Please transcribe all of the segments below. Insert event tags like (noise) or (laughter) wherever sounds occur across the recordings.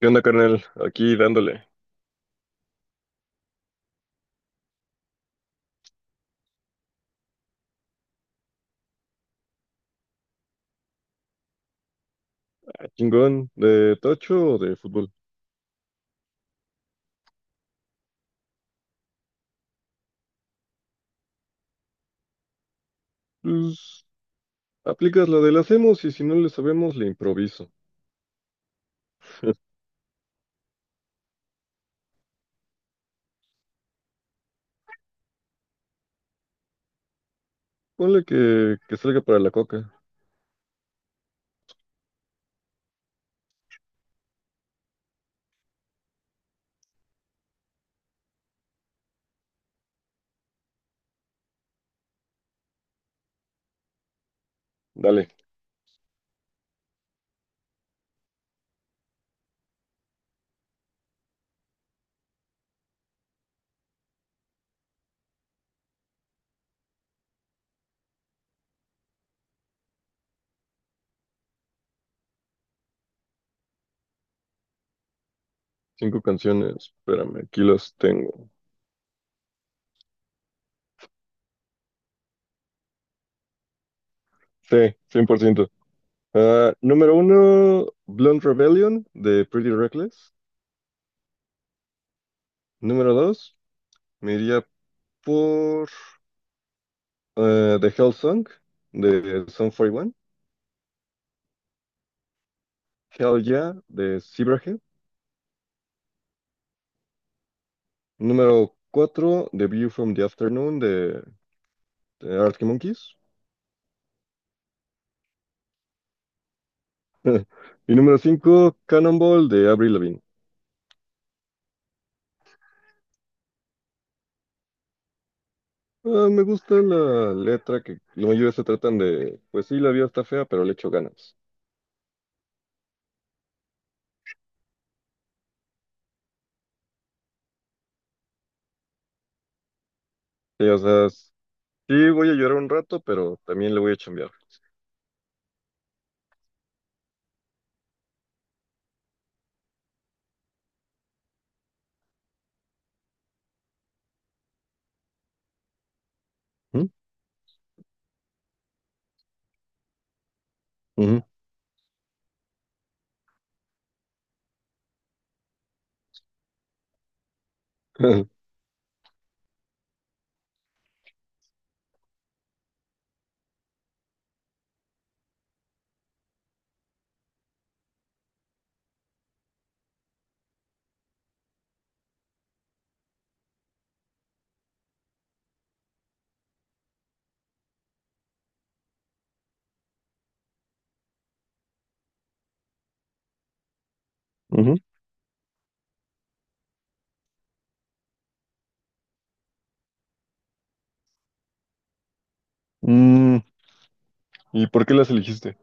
¿Qué onda, carnal? Aquí dándole. ¿A chingón? ¿De tocho o de fútbol? Pues aplicas la de la hacemos y si no le sabemos, le improviso. Ponle que salga para la coca. Dale, cinco canciones. Espérame, aquí las tengo. Sí, 100%. Ah, número uno, Blunt Rebellion de Pretty Reckless. Número dos, me iría por The Hell Song de Sum One. Hell Yeah de Zebrahead. Número 4 The View from the Afternoon de Arctic Monkeys. Y número cinco Cannonball de Avril Lavigne. Ah, me gusta la letra que la mayoría se tratan de, pues sí, la vida está fea, pero le echo ganas. Sí, o sea, sí voy a llorar un rato, pero también le voy a chambear. Ujú, ujú, (laughs) ujú. Mm, ¿Y por qué las elegiste?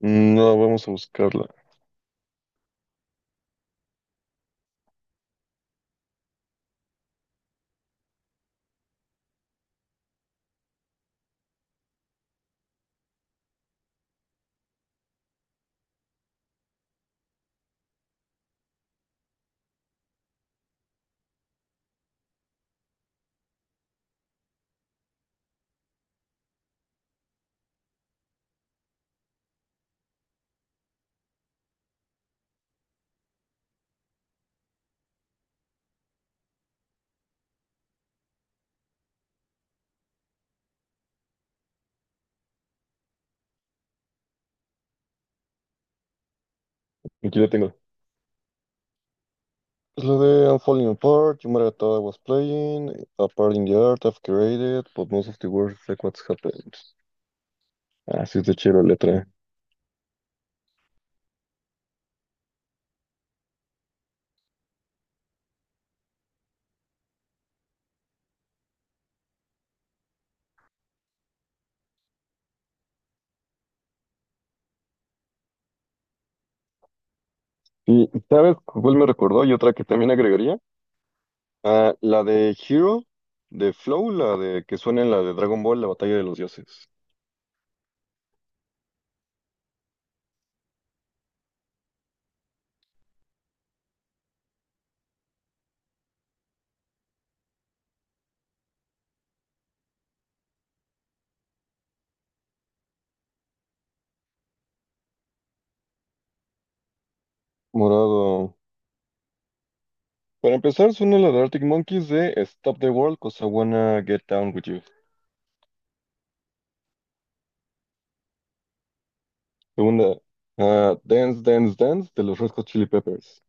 Mm, no, vamos a buscarla. Aquí la tengo. Es la de I'm Falling Apart, You Matter What I Was Playing, A Part in the Art I've Created, but most of the world is like what's happened. Ah, sí, está chida la letra. ¿Y sabes cuál me recordó? Y otra que también agregaría. Ah, la de Hero, de Flow, la de que suena en la de Dragon Ball, la batalla de los dioses. Morado. Para empezar, suena la de Arctic Monkeys de Stop the World, 'cause I wanna get down with you. Segunda, ah, Dance, Dance, Dance, de los Red Hot Chili Peppers.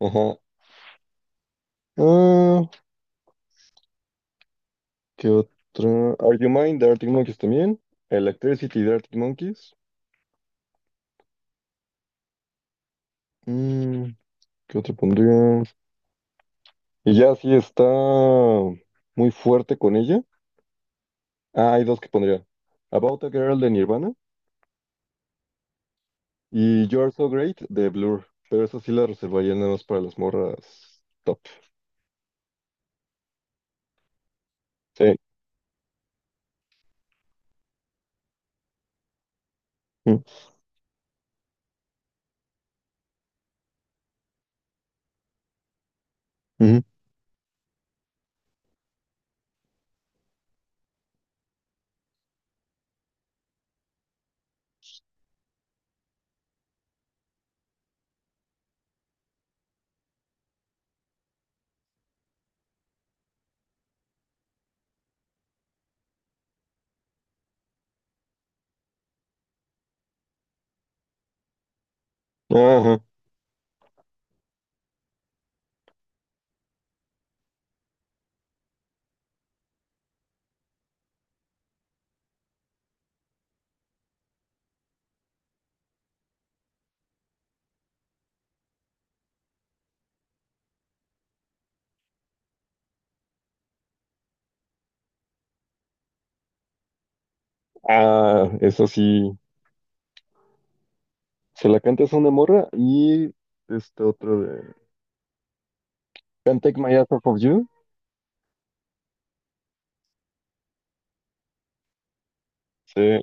Ajá. Ah, ¿qué otra? Are You Mine, de Arctic Monkeys también. Electricity, de Arctic Monkeys. Mm, ¿qué otra pondría? Y ya sí está muy fuerte con ella. Ah, hay dos que pondría. About a Girl de Nirvana y You're So Great de Blur. Pero eso sí la reservaría nada más para las morras top. Sí. Mm, ujú. Ajá. Ah, eso sí. Se la cantas a una morra y este otro de Can't Take My Eyes Off of You. Sí.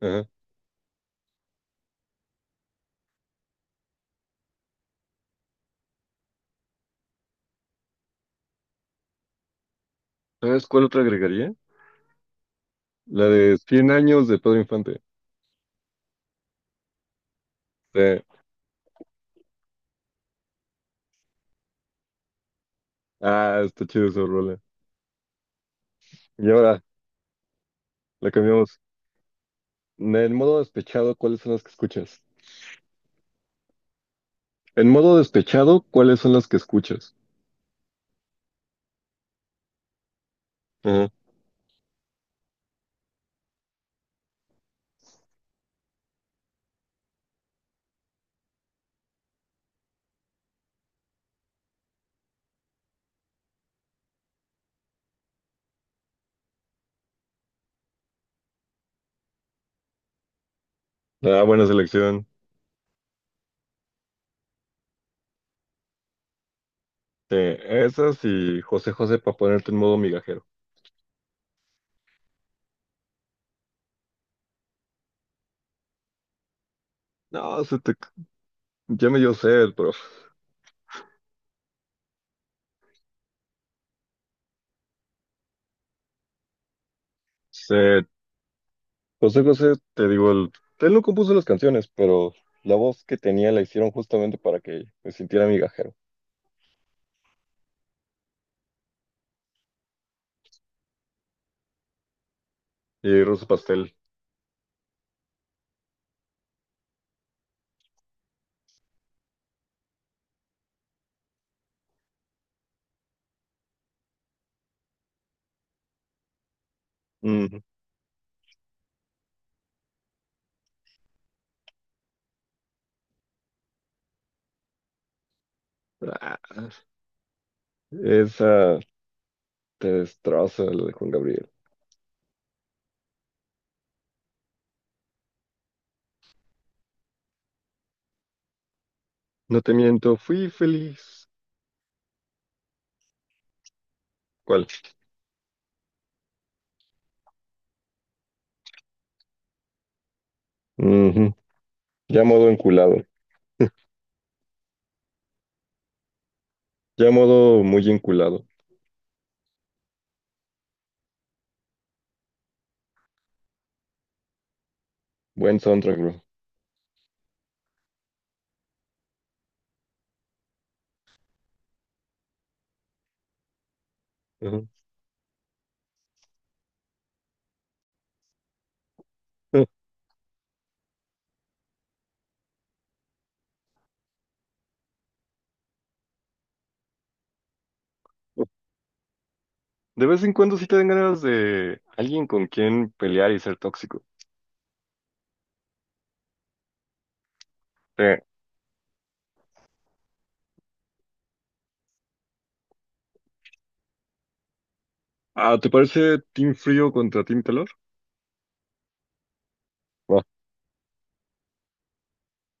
Ajá. ¿Sabes cuál otra agregaría? La de 100 años de Pedro Infante. Sí. Ah, está chido esa rola. Y ahora la cambiamos. En modo despechado, ¿cuáles son las que escuchas? En modo despechado, ¿cuáles son las que escuchas? Ajá. Ah, buena selección. Sí, esas y José José para ponerte en modo migajero. No, se te... ya me dio sed, pero... Se... José José, te digo, el... él no compuso las canciones, pero la voz que tenía la hicieron justamente para que me sintiera migajero. Y Ruso Pastel. Ujú. Ah, esa te destroza, la de Juan Gabriel. No te miento, fui feliz. ¿Cuál? Ya modo enculado. Ya modo muy enculado. Buen soundtrack, bro. Ujú. (laughs) De vez en cuando sí te dan ganas de alguien con quien pelear y ser tóxico. Eh, ¿Te parece Team Frío contra Team Calor?